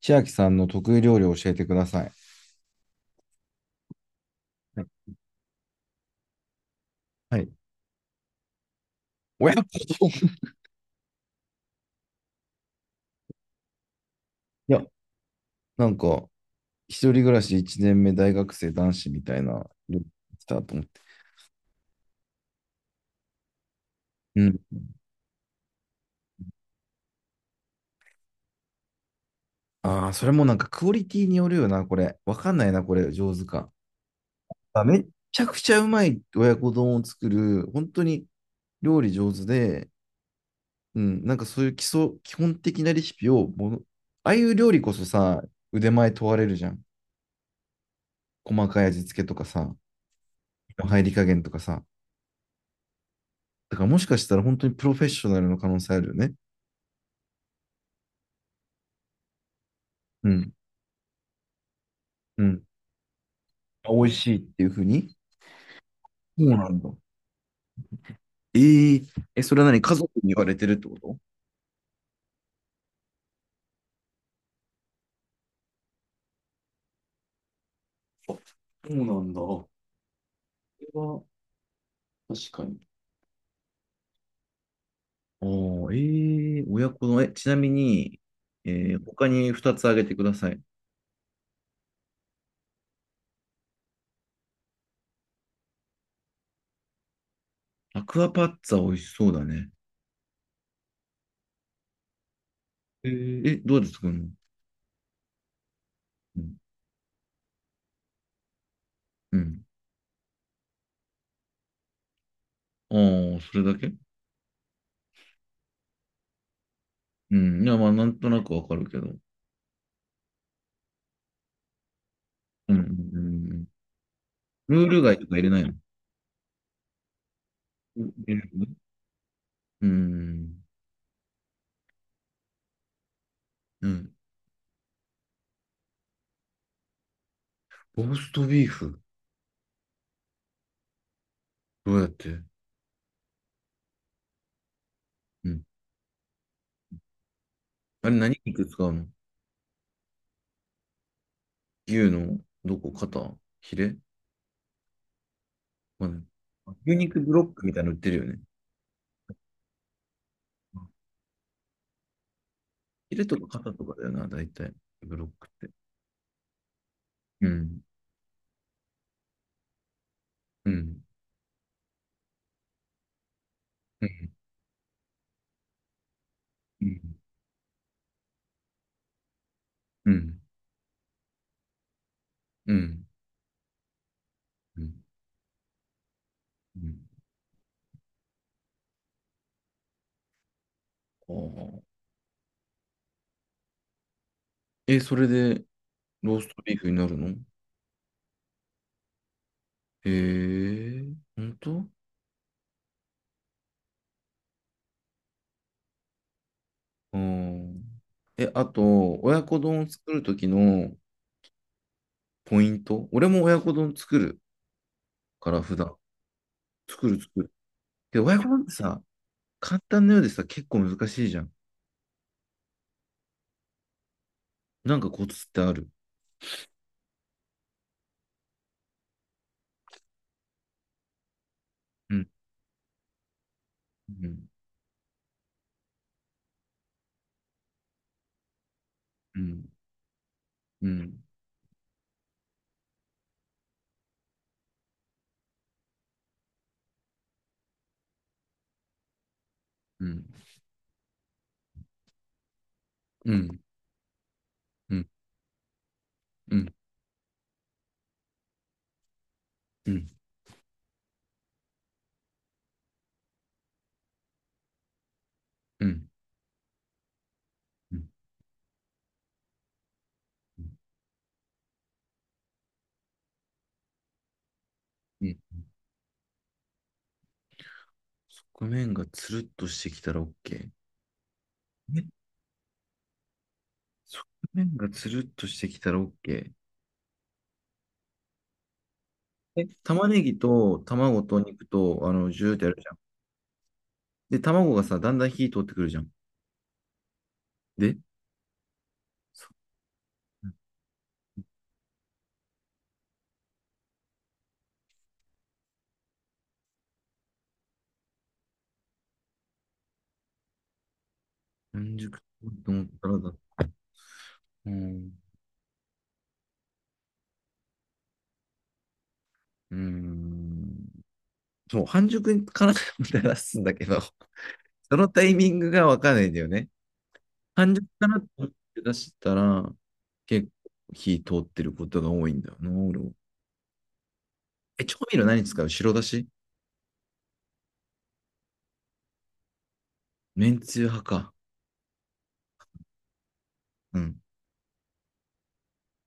千秋さんの得意料理を教えてください。はい。親子丼。 いや、なんか、一人暮らし1年目大学生男子みたいな、来たと思って。うん。ああ、それもなんかクオリティによるよな、これ。わかんないな、これ、上手か。あ、めっちゃくちゃうまい親子丼を作る、本当に料理上手で、うん、なんかそういう基礎、基本的なレシピをもの、ああいう料理こそさ、腕前問われるじゃん。細かい味付けとかさ、入り加減とかさ。だからもしかしたら本当にプロフェッショナルの可能性あるよね。うん。うん。美味しいっていうふうに。そうなんだ。えー、え、それは何、家族に言われてるってこと？そうなんだ。これは確かに。ああー、ええー、親子の、え、ちなみに、えー他に2つあげてください。アクアパッツァ美味しそうだね。えー、え、どうやって作るの？うん。うん。ああ、それだけ？うん。いや、まあ、なんとなくわかるけど。うん。うんうんうん。ルール外とか入れないの？うん。うーん。うん。ローストビーフ。どうやって？うん。あれ何肉使うの？牛のどこ？肩？ヒレ？わかんない。牛肉ブロックみたいなの売ってるよね。ヒレとか肩とかだよな、大体。ブロックって。うん。うん。うん。うん。うん。うん。うんうん。ああ。え、それでローストビーフになるの？へえ、本当？うん。え、あと、親子丼を作るときのポイント。俺も親子丼作る。から普段。作る作る。で親子丼ってさ、簡単なようでさ、結構難しいじゃん。なんかコツってある？うん、うん、うん、うん、うん、うん、うん、うん、うん、うん、うん、うん。側面がつるっとしてきたら OK。え、側面がつるっとしてきたら OK。え、玉ねぎと卵と肉と、あの、ジューってやるじゃん。で、卵がさ、だんだん火通ってくるじゃん。で、そう、半熟と思ったらだ。うん。うーん。もう、半熟かなと思って出すんだけど、そのタイミングがわかんないんだよね。半熟かなと思って出したら、結構火通ってることが多いんだよな、俺も。え、調味料何使う？白だし？めんつゆ派か。うん。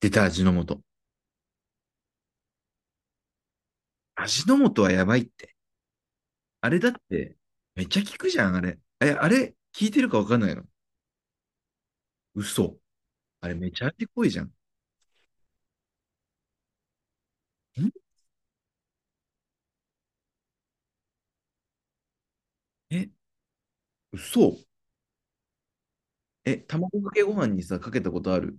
出た、味の素。味の素はやばいって。あれだって、めっちゃ効くじゃん、あれ。え、あれ、効いてるかわかんないの？嘘。あれ、めちゃ味濃いじゃん。ん、え、嘘。え、卵かけご飯にさ、かけたことある？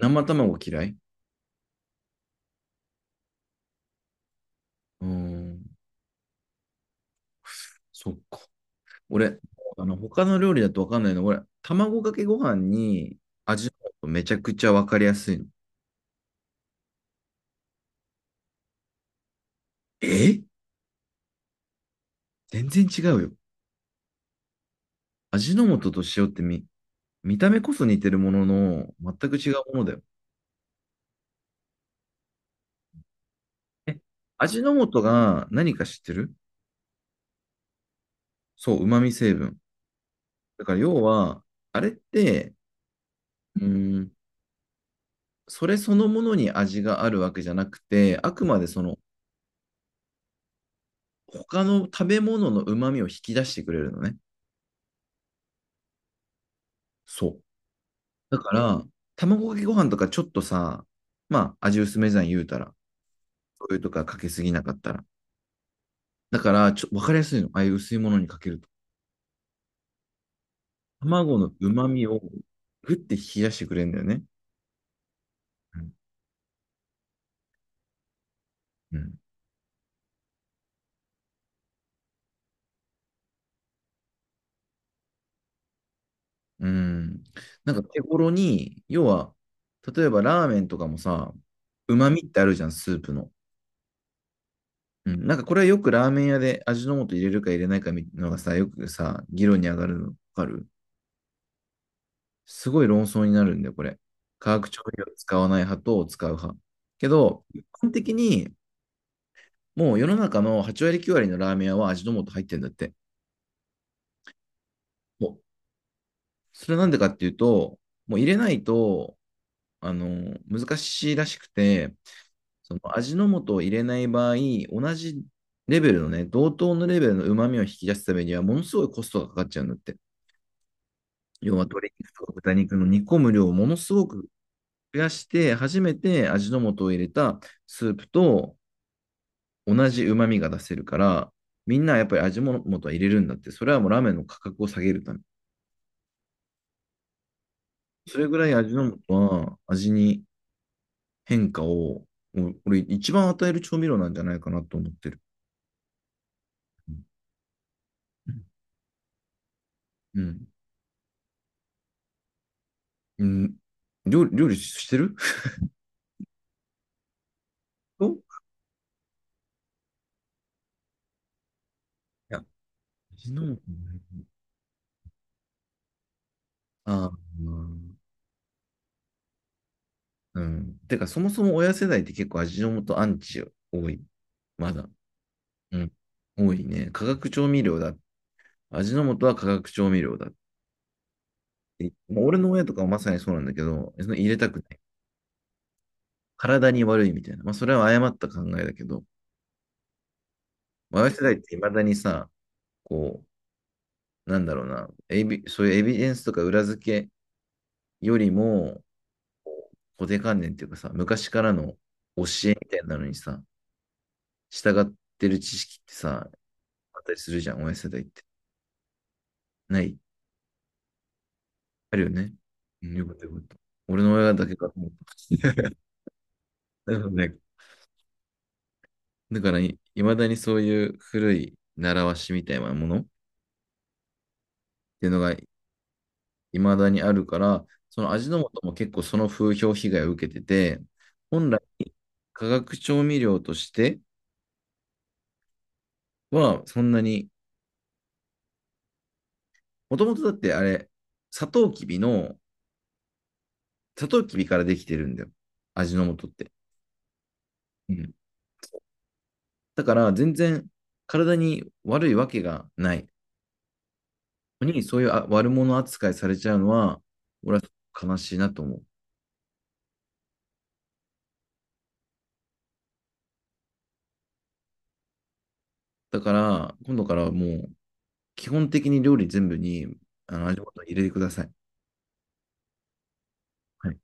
生卵嫌い？うーん。そっか。俺、あの、他の料理だとわかんないの。俺、卵かけご飯に味の素めちゃくちゃわかりやすいの。え、全然違うよ。味の素と塩ってみ、見た目こそ似てるものの、全く違うものだよ。え、味の素が何か知ってる？そう、旨味成分。だから要は、あれって、うーん、それそのものに味があるわけじゃなくて、あくまでその、他の食べ物の旨味を引き出してくれるのね。そう。だから、卵かけご飯とかちょっとさ、まあ、味薄めじゃん言うたら。醤油とかかけすぎなかったら。だから、ちょ、わかりやすいの。ああいう薄いものにかけると。卵の旨味をグッて冷やしてくれるんだよね。うん。うん。なんか手頃に、要は、例えばラーメンとかもさ、旨味ってあるじゃん、スープの。うん。なんかこれはよくラーメン屋で味の素入れるか入れないかみたいなのがさ、よくさ、議論に上がるのわかる？すごい論争になるんだよ、これ。化学調味料を使わない派と使う派。けど、一般的に、もう世の中の8割9割のラーメン屋は味の素入ってるんだって。もう、それなんでかっていうと、もう入れないと、あの、難しいらしくて、その味の素を入れない場合、同じレベルのね、同等のレベルの旨味を引き出すためには、ものすごいコストがかかっちゃうんだって。要は鶏肉とか豚肉の煮込む量をものすごく増やして、初めて味の素を入れたスープと同じ旨味が出せるから、みんなやっぱり味の素は入れるんだって、それはもうラーメンの価格を下げるため。それぐらい味の素は味に変化を、もう俺一番与える調味料なんじゃないかなと思ってる。うん。うんうん。料理、料理してる？ いや、味の素ね。ああ、うん。てか、そもそも親世代って結構味の素アンチ多い。まだ。うん。多いね。化学調味料だ。味の素は化学調味料だって言って。まあ俺の親とかはまさにそうなんだけど、その入れたくない。体に悪いみたいな。まあ、それは誤った考えだけど、まあ親世代って未だにさ、こう、なんだろうな、エビ、そういうエビデンスとか裏付けよりも、こう固定観念っていうかさ、昔からの教えみたいなのにさ、従ってる知識ってさ、あったりするじゃん、親世代って。ない？あるよね。うん、よかったよかった。俺の親だけかと思った。なのでだからい、まだにそういう古い習わしみたいなものっていうのがいまだにあるから、その味の素も結構その風評被害を受けてて、本来化学調味料としてはそんなに、もともとだってあれ、サトウキビの、サトウキビからできてるんだよ。味の素って。うん。だから全然体に悪いわけがないのに、そういうあ悪者扱いされちゃうのは、俺は悲しいなと思う。だから、今度からもう基本的に料理全部に、あの、味ごと入れてください。はい。